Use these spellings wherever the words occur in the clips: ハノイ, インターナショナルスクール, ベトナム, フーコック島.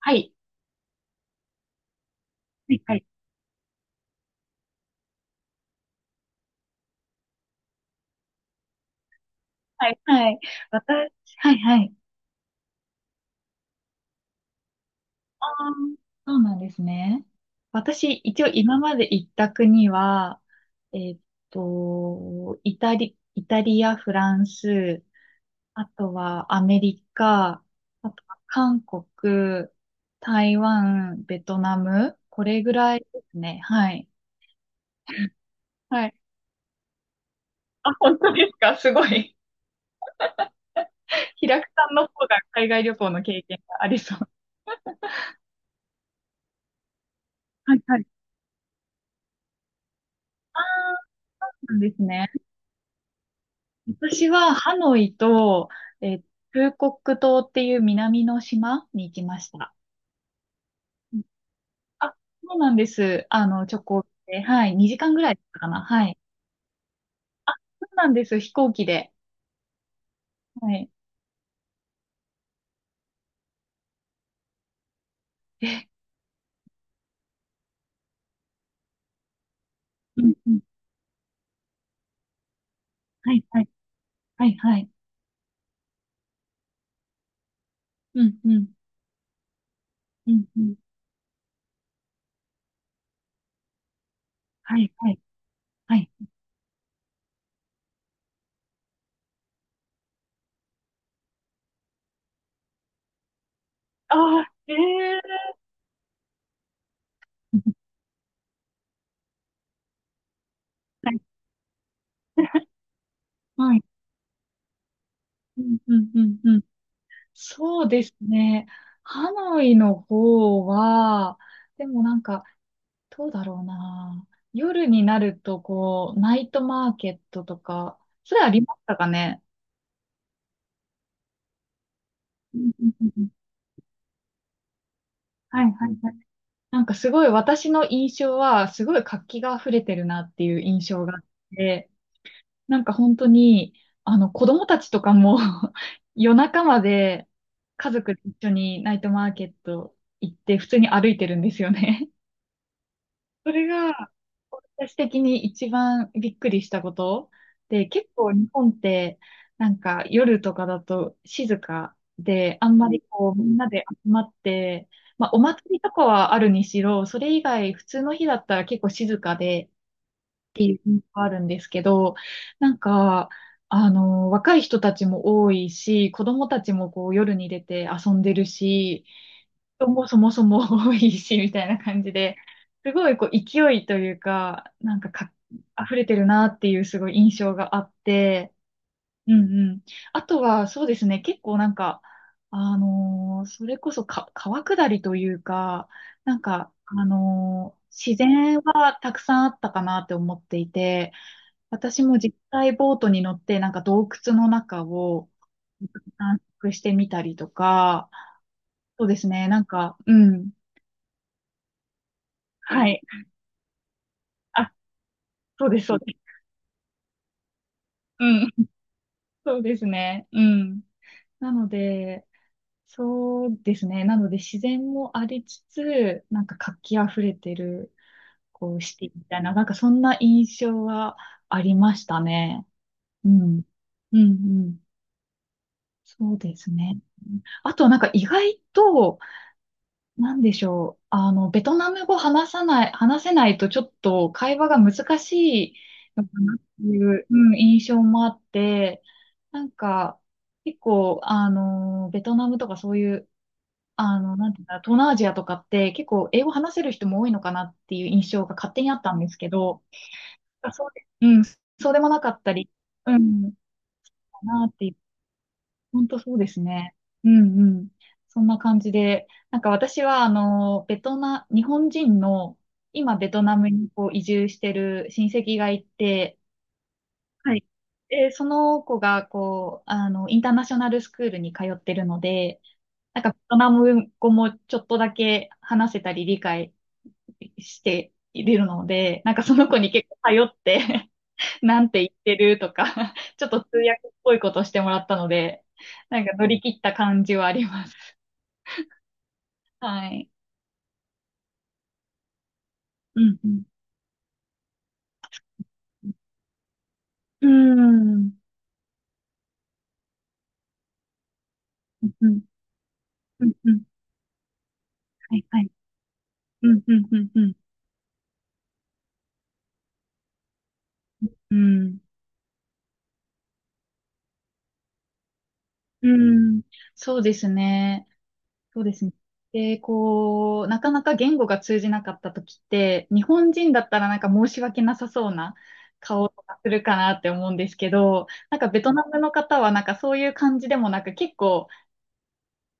はい。はい、はい、はい、はい。私、はい、はい。あー、そうなんですね。私、一応今まで行った国は、えーっイタリア、フランス、あとはアメリカ、あとは韓国、台湾、ベトナム、これぐらいですね。はい。はい。あ、本当ですか、すごい。平久さんの方が海外旅行の経験がありそう。はい、はい。ああ、そうなんですね。私はハノイと、えー、フーコック島っていう南の島に行きました。うん、あ、そうなんです。あの、直行で、はい、2時間ぐらいだったかな。はい。あ、そうなんです。飛行機で。はい。え、うん、うん。はい、はい、はい、はい。うん、うん、うん、うん。はい、はい、はい。ああ、ええー。 はい。はい。うん、うん、うん、うん。そうですね。ハノイの方は、でもなんか、どうだろうな。夜になると、こう、ナイトマーケットとか、それありましたかね？うん、うん、うん、うん。はい、はい、はい。なんかすごい私の印象は、すごい活気が溢れてるなっていう印象があって、なんか本当に、あの、子供たちとかも 夜中まで家族で一緒にナイトマーケット行って、普通に歩いてるんですよね。それが、私的に一番びっくりしたことで、結構日本って、なんか夜とかだと静かで、あんまりこう、みんなで集まって、まあお祭りとかはあるにしろ、それ以外普通の日だったら結構静かでっていうのがあるんですけど、なんか、あの、若い人たちも多いし、子供たちもこう夜に出て遊んでるし、人もそもそも多いし、みたいな感じで、すごいこう勢いというか、なんか、溢れてるなっていうすごい印象があって、うん、うん。あとは、そうですね、結構なんか、あのーそれこそ、川下りというか、なんか、あのー自然はたくさんあったかなって思っていて、私も実際ボートに乗って、なんか洞窟の中を、探索してみたりとか、そうですね、なんか、うん、はい。あ、そうです、そうです。うん。そうですね。うん。なので、そうですね。なので、自然もありつつ、なんか活気あふれてる、こう、シティみたいな、なんかそんな印象はありましたね。うん。うん、うん。そうですね。あと、なんか意外と、なんでしょう。あの、ベトナム語話さない、話せないとちょっと会話が難しいのかなっていう、うん、印象もあって、なんか、結構、あの、ベトナムとかそういう、あの、なんていうんだ、東南アジアとかって結構英語話せる人も多いのかなっていう印象が勝手にあったんですけど、あ、そうで、うん、そうでもなかったり、うん、かなっていう、本当そうですね。うん、うん。そんな感じで、なんか私は、あの、ベトナ、日本人の、今ベトナムにこう移住してる親戚がいて、はい。で、その子が、こう、あの、インターナショナルスクールに通ってるので、なんかベトナム語もちょっとだけ話せたり理解しているので、なんかその子に結構頼ってなんて言ってるとか ちょっと通訳っぽいことしてもらったので、なんか乗り切った感じはあります。はい。うん、うん。うーん、うん、うん、うん。はい、はい。うん、うん、うん、うん。うん、うん。そうですね。そうですね。で、こう、なかなか言語が通じなかった時って、日本人だったらなんか申し訳なさそうな顔とかするかなって思うんですけど、なんかベトナムの方はなんかそういう感じでもなく、結構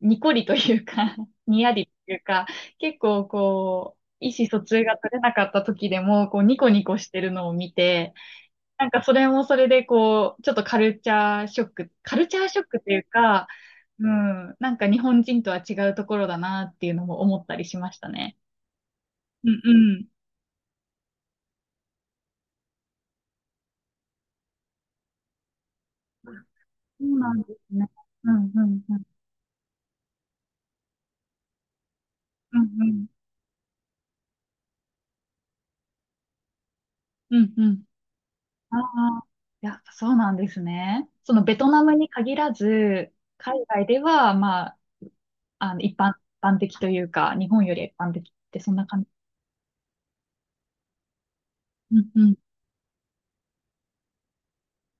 にこりというか、にやりというか、結構こう、意思疎通が取れなかった時でも、こう、ニコニコしてるのを見て、なんかそれもそれでこう、ちょっとカルチャーショック、カルチャーショックというか、うん、なんか日本人とは違うところだなっていうのも思ったりしましたね。うん、うん。そうなんですね。うん、うん、うん。うん、うん。うん、うん。ああ、やっぱそうなんですね。そのベトナムに限らず、海外では、まあ、あの、一般的というか、日本より一般的ってそんな感じ。うん、うん。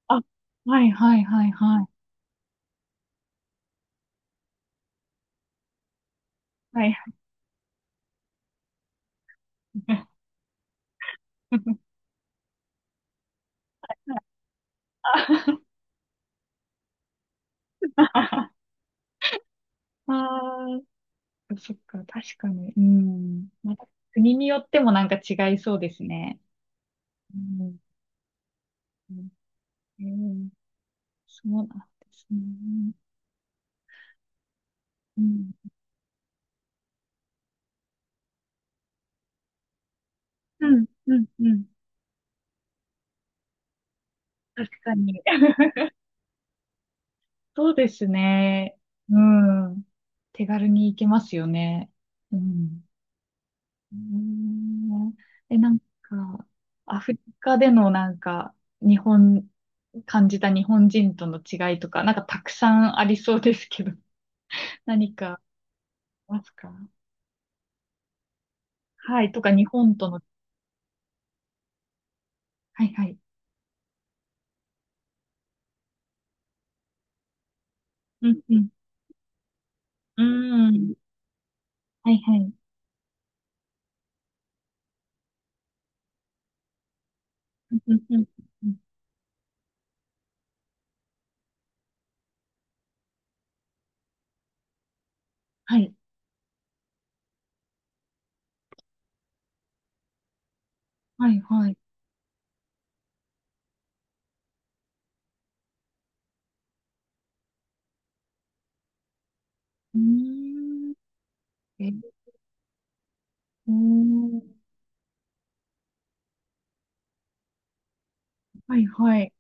あ、はい、はい、はい、はい。はい。あ。 あー、そっか、確かに。うん。また国によってもなんか違いそうですね。うん。うん、そうなんですね。うん。うん、うん、うん。確かに。そうですね。うん。手軽に行けますよね。うん。うーん。え、なんか、アフリカでの日本、感じた日本人との違いとか、なんかたくさんありそうですけど、何かありますか？はい、とか日本との、はい、はい。うん、うん、うーん、はい、はい。うん、うん、うん、はい、はい、はい。うーん、え、うーん、はい、はい。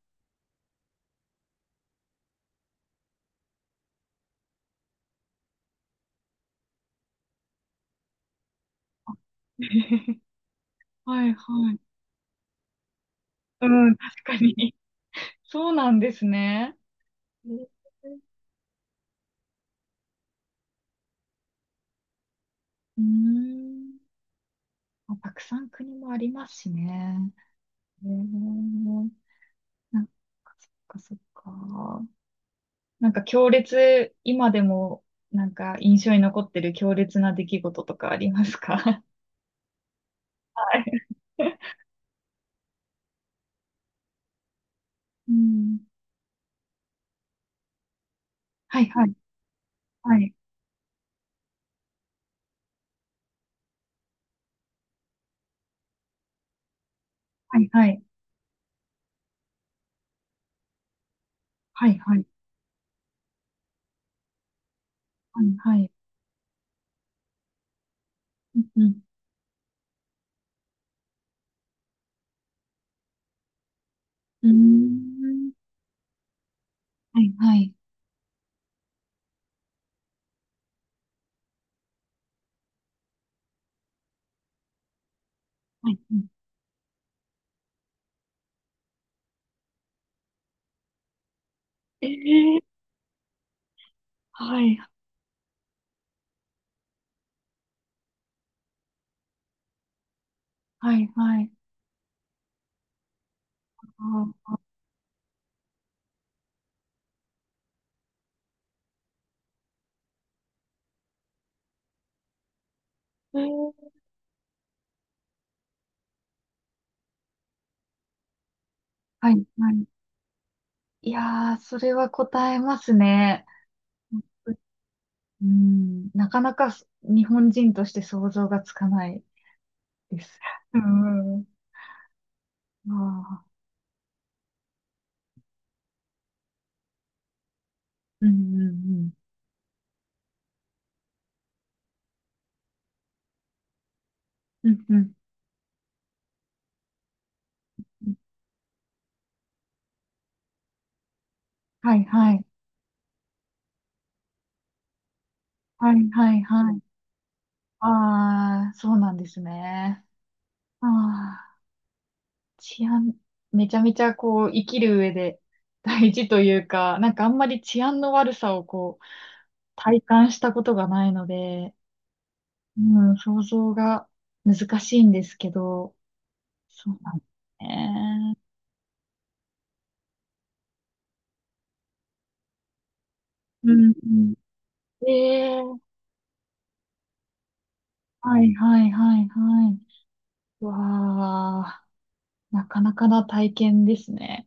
はい、はい。うん、確かに。そうなんですね。えー、うーん。まあたくさん国もありますしね。えー、なんか、そっか、そっか。なんか強烈、今でも、なんか印象に残ってる強烈な出来事とかありますか？ はい。うん。はい、はい。はい。はい、はい。はい、はい。はい、はい。うん、うん。うーん。はい、はい。はい、うん。えー、はい、はい、はい。あー、えー、はい、はい。いやー、それは答えますね。うん、なかなか、そ、日本人として想像がつかないです。うん。ああ、うん、うん、うん。うん、うん、うん。はい、はい。はい、はい、はい。ああ、そうなんですね。ああ、治安、めちゃめちゃこう、生きる上で大事というか、なんかあんまり治安の悪さをこう、体感したことがないので、うん、想像が難しいんですけど、そうなんですね。うん、うん、ええ、はい、はい、はい、はい。わあ、なかなかな体験ですね。